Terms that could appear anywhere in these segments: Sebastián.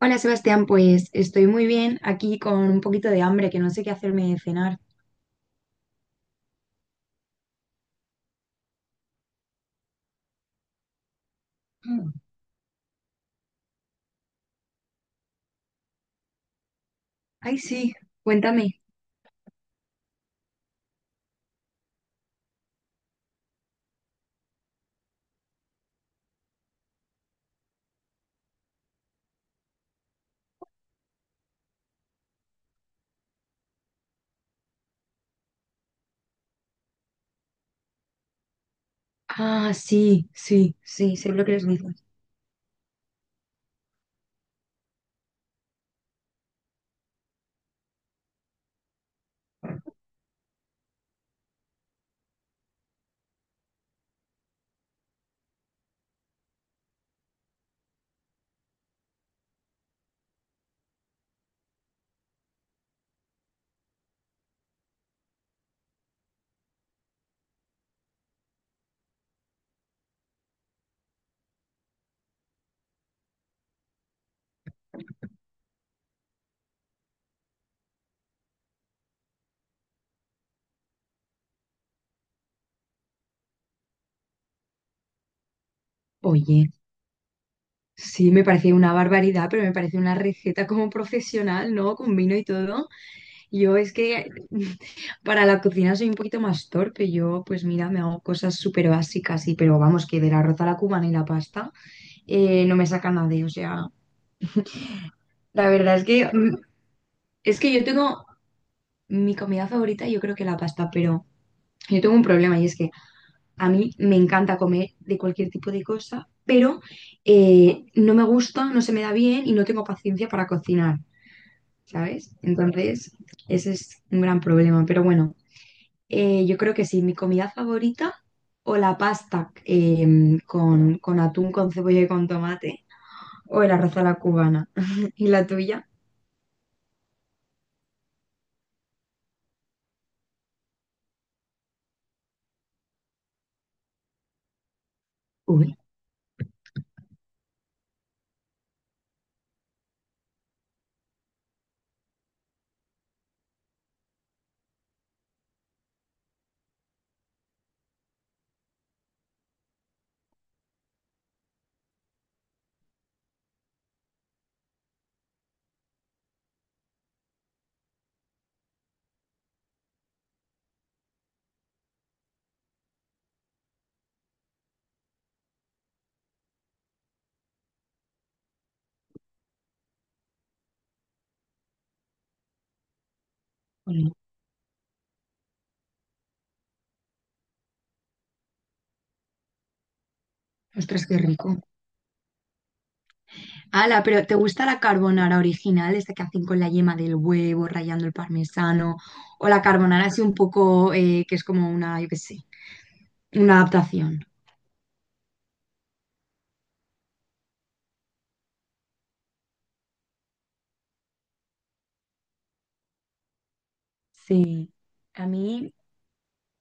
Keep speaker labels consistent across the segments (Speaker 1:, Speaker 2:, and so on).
Speaker 1: Hola Sebastián, pues estoy muy bien aquí con un poquito de hambre que no sé qué hacerme de cenar. Mm, Ay, sí, cuéntame. Ah, sí, sí, sí, sé lo que les dices. Oye, sí, me parece una barbaridad, pero me parece una receta como profesional, ¿no? Con vino y todo. Yo es que para la cocina soy un poquito más torpe. Yo, pues mira, me hago cosas súper básicas, y, pero vamos, que del arroz a la cubana y la pasta no me saca nadie. O sea, la verdad es que es que yo tengo Mi comida favorita yo creo que la pasta, pero yo tengo un problema y es que a mí me encanta comer de cualquier tipo de cosa, pero no me gusta, no se me da bien y no tengo paciencia para cocinar, ¿sabes? Entonces, ese es un gran problema, pero bueno, yo creo que sí, mi comida favorita o la pasta con, atún, con cebolla y con tomate, o el arroz a la cubana. ¿Y la tuya? Uy, uy, ostras, qué rico. Ala, pero ¿te gusta la carbonara original, esta que hacen con la yema del huevo, rallando el parmesano? O la carbonara así un poco, que es como una, yo qué sé, una adaptación. Sí, a mí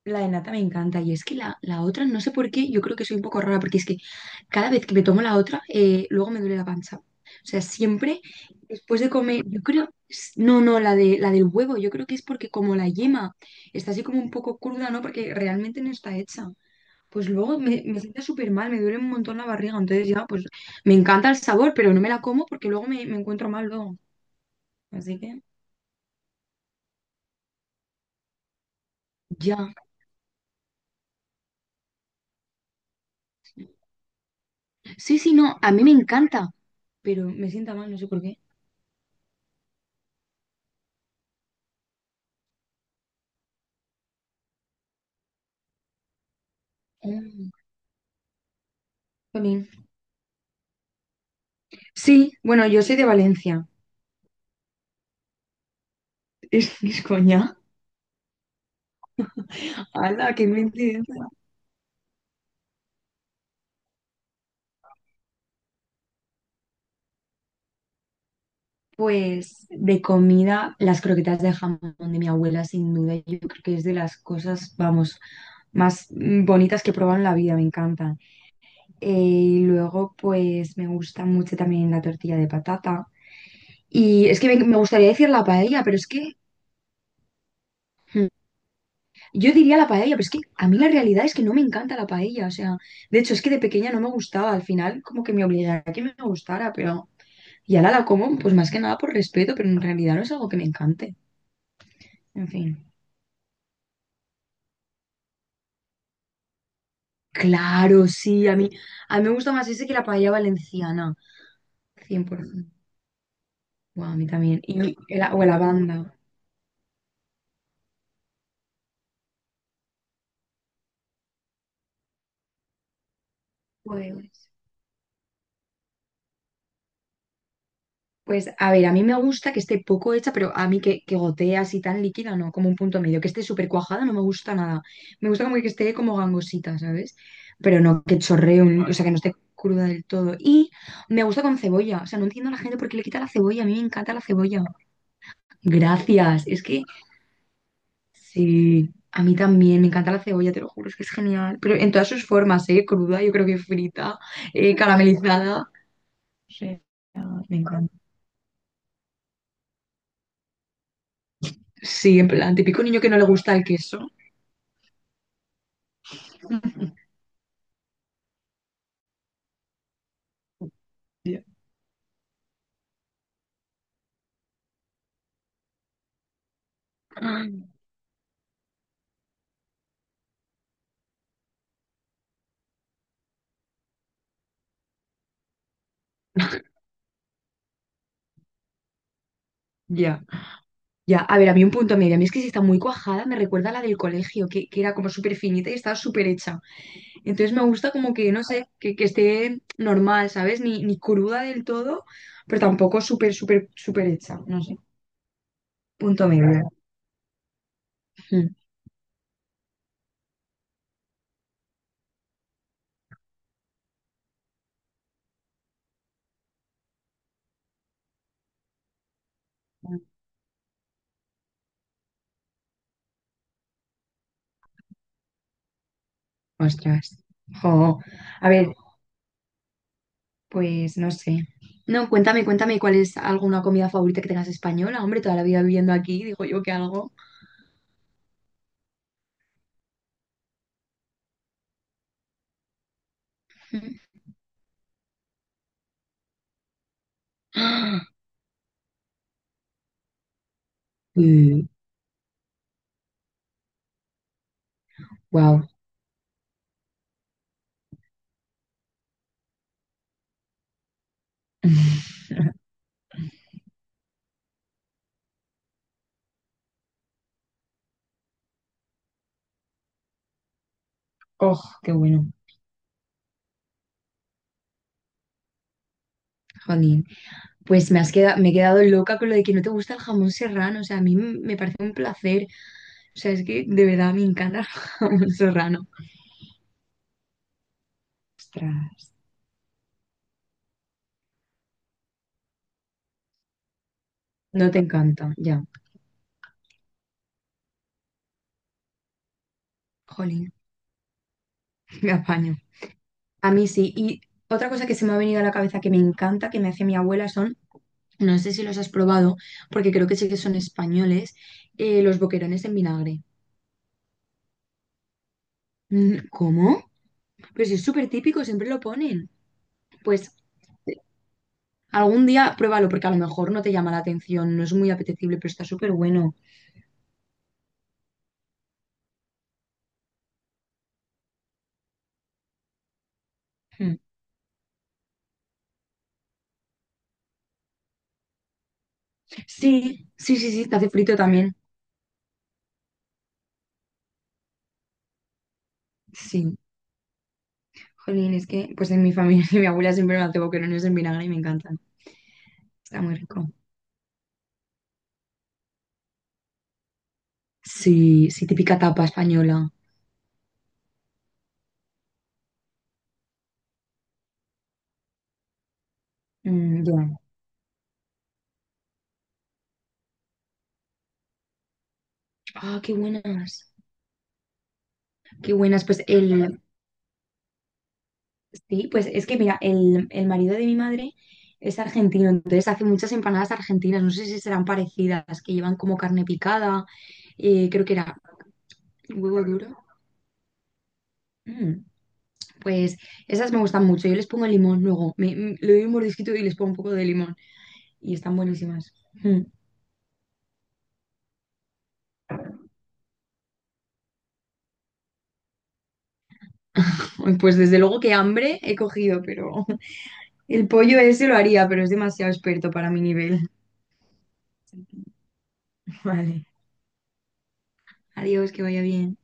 Speaker 1: La de nata me encanta y es que la otra, no sé por qué, yo creo que soy un poco rara porque es que cada vez que me tomo la otra, luego me duele la panza. O sea, siempre después de comer, yo creo, no, no, la del huevo, yo creo que es porque como la yema está así como un poco cruda, ¿no? Porque realmente no está hecha. Pues luego me sienta súper mal, me duele un montón la barriga. Entonces ya, pues me encanta el sabor, pero no me la como porque luego me encuentro mal luego. Así que ya. Sí, sí, no, a mí me encanta, pero me sienta mal, no sé por qué. Mm, jolín. Sí, bueno, yo soy de Valencia. Es coña. ¡Hala, qué coincidencia! Pues de comida, las croquetas de jamón de mi abuela, sin duda, yo creo que es de las cosas, vamos, más bonitas que he probado en la vida, me encantan. Y luego, pues me gusta mucho también la tortilla de patata. Y es que me gustaría decir la paella, pero es que hmm, yo diría la paella, pero es que a mí la realidad es que no me encanta la paella. O sea, de hecho, es que de pequeña no me gustaba. Al final, como que me obligaba a que me gustara, pero y ahora la como, pues más que nada por respeto, pero en realidad no es algo que me encante. En fin. Claro, sí, a mí me gusta más ese que la paella valenciana. Cien por ciento. Guau, a mí también. O la banda. Pues. Pues a ver, a mí me gusta que esté poco hecha, pero a mí que gotea así tan líquida, no, como un punto medio, que esté súper cuajada, no me gusta nada. Me gusta como que esté como gangosita, ¿sabes? Pero no que chorree, o sea, que no esté cruda del todo. Y me gusta con cebolla, o sea, no entiendo a la gente por qué le quita la cebolla, a mí me encanta la cebolla. Gracias, es que sí, a mí también me encanta la cebolla, te lo juro, es que es genial. Pero en todas sus formas, ¿eh? Cruda, yo creo que frita, caramelizada. O sea, me encanta. Sí, en plan, típico niño que no le gusta el queso. Ya, ya, ya. A ver, a mí un punto medio. A mí es que si está muy cuajada, me recuerda a la del colegio, que, era como súper finita y estaba súper hecha. Entonces me gusta como que, no sé, que, esté normal, ¿sabes? Ni, ni cruda del todo, pero tampoco súper, súper, súper hecha. No sé. Punto medio. Mm. Ostras. Jo. A ver, pues no sé. No, cuéntame, cuéntame cuál es alguna comida favorita que tengas española. Hombre, toda la vida viviendo aquí, digo yo que algo. Wow. Oh, qué bueno, jolín. Pues me has quedado, me he quedado loca con lo de que no te gusta el jamón serrano. O sea, a mí me parece un placer. O sea, es que de verdad me encanta el jamón serrano. Ostras, no te encanta, ya. Jolín, me apaño. A mí sí. Y otra cosa que se me ha venido a la cabeza que me encanta, que me hace mi abuela, son, no sé si los has probado, porque creo que sí que son españoles, los boquerones en vinagre. Mm, ¿cómo? Pero si es súper típico, siempre lo ponen. Pues. Algún día pruébalo porque a lo mejor no te llama la atención, no es muy apetecible, pero está súper bueno. Mm. Sí, sí, sí, sí, te hace frito también. Sí. Jolín, es que pues en mi familia mi abuela siempre me hace boquerones en vinagre y me encantan. Está muy rico. Sí, sí, típica tapa española. Mm, ya. Ah, qué buenas. Qué buenas. Pues el, sí, pues es que mira, el marido de mi madre es argentino, entonces hace muchas empanadas argentinas. No sé si serán parecidas, que llevan como carne picada, creo que era huevo duro. Mm, pues esas me gustan mucho. Yo les pongo limón luego. Me, le doy un mordisquito y les pongo un poco de limón. Y están buenísimas. Mm. Ay, pues desde luego que hambre he cogido, pero el pollo ese lo haría, pero es demasiado experto para mi nivel. Vale. Adiós, que vaya bien.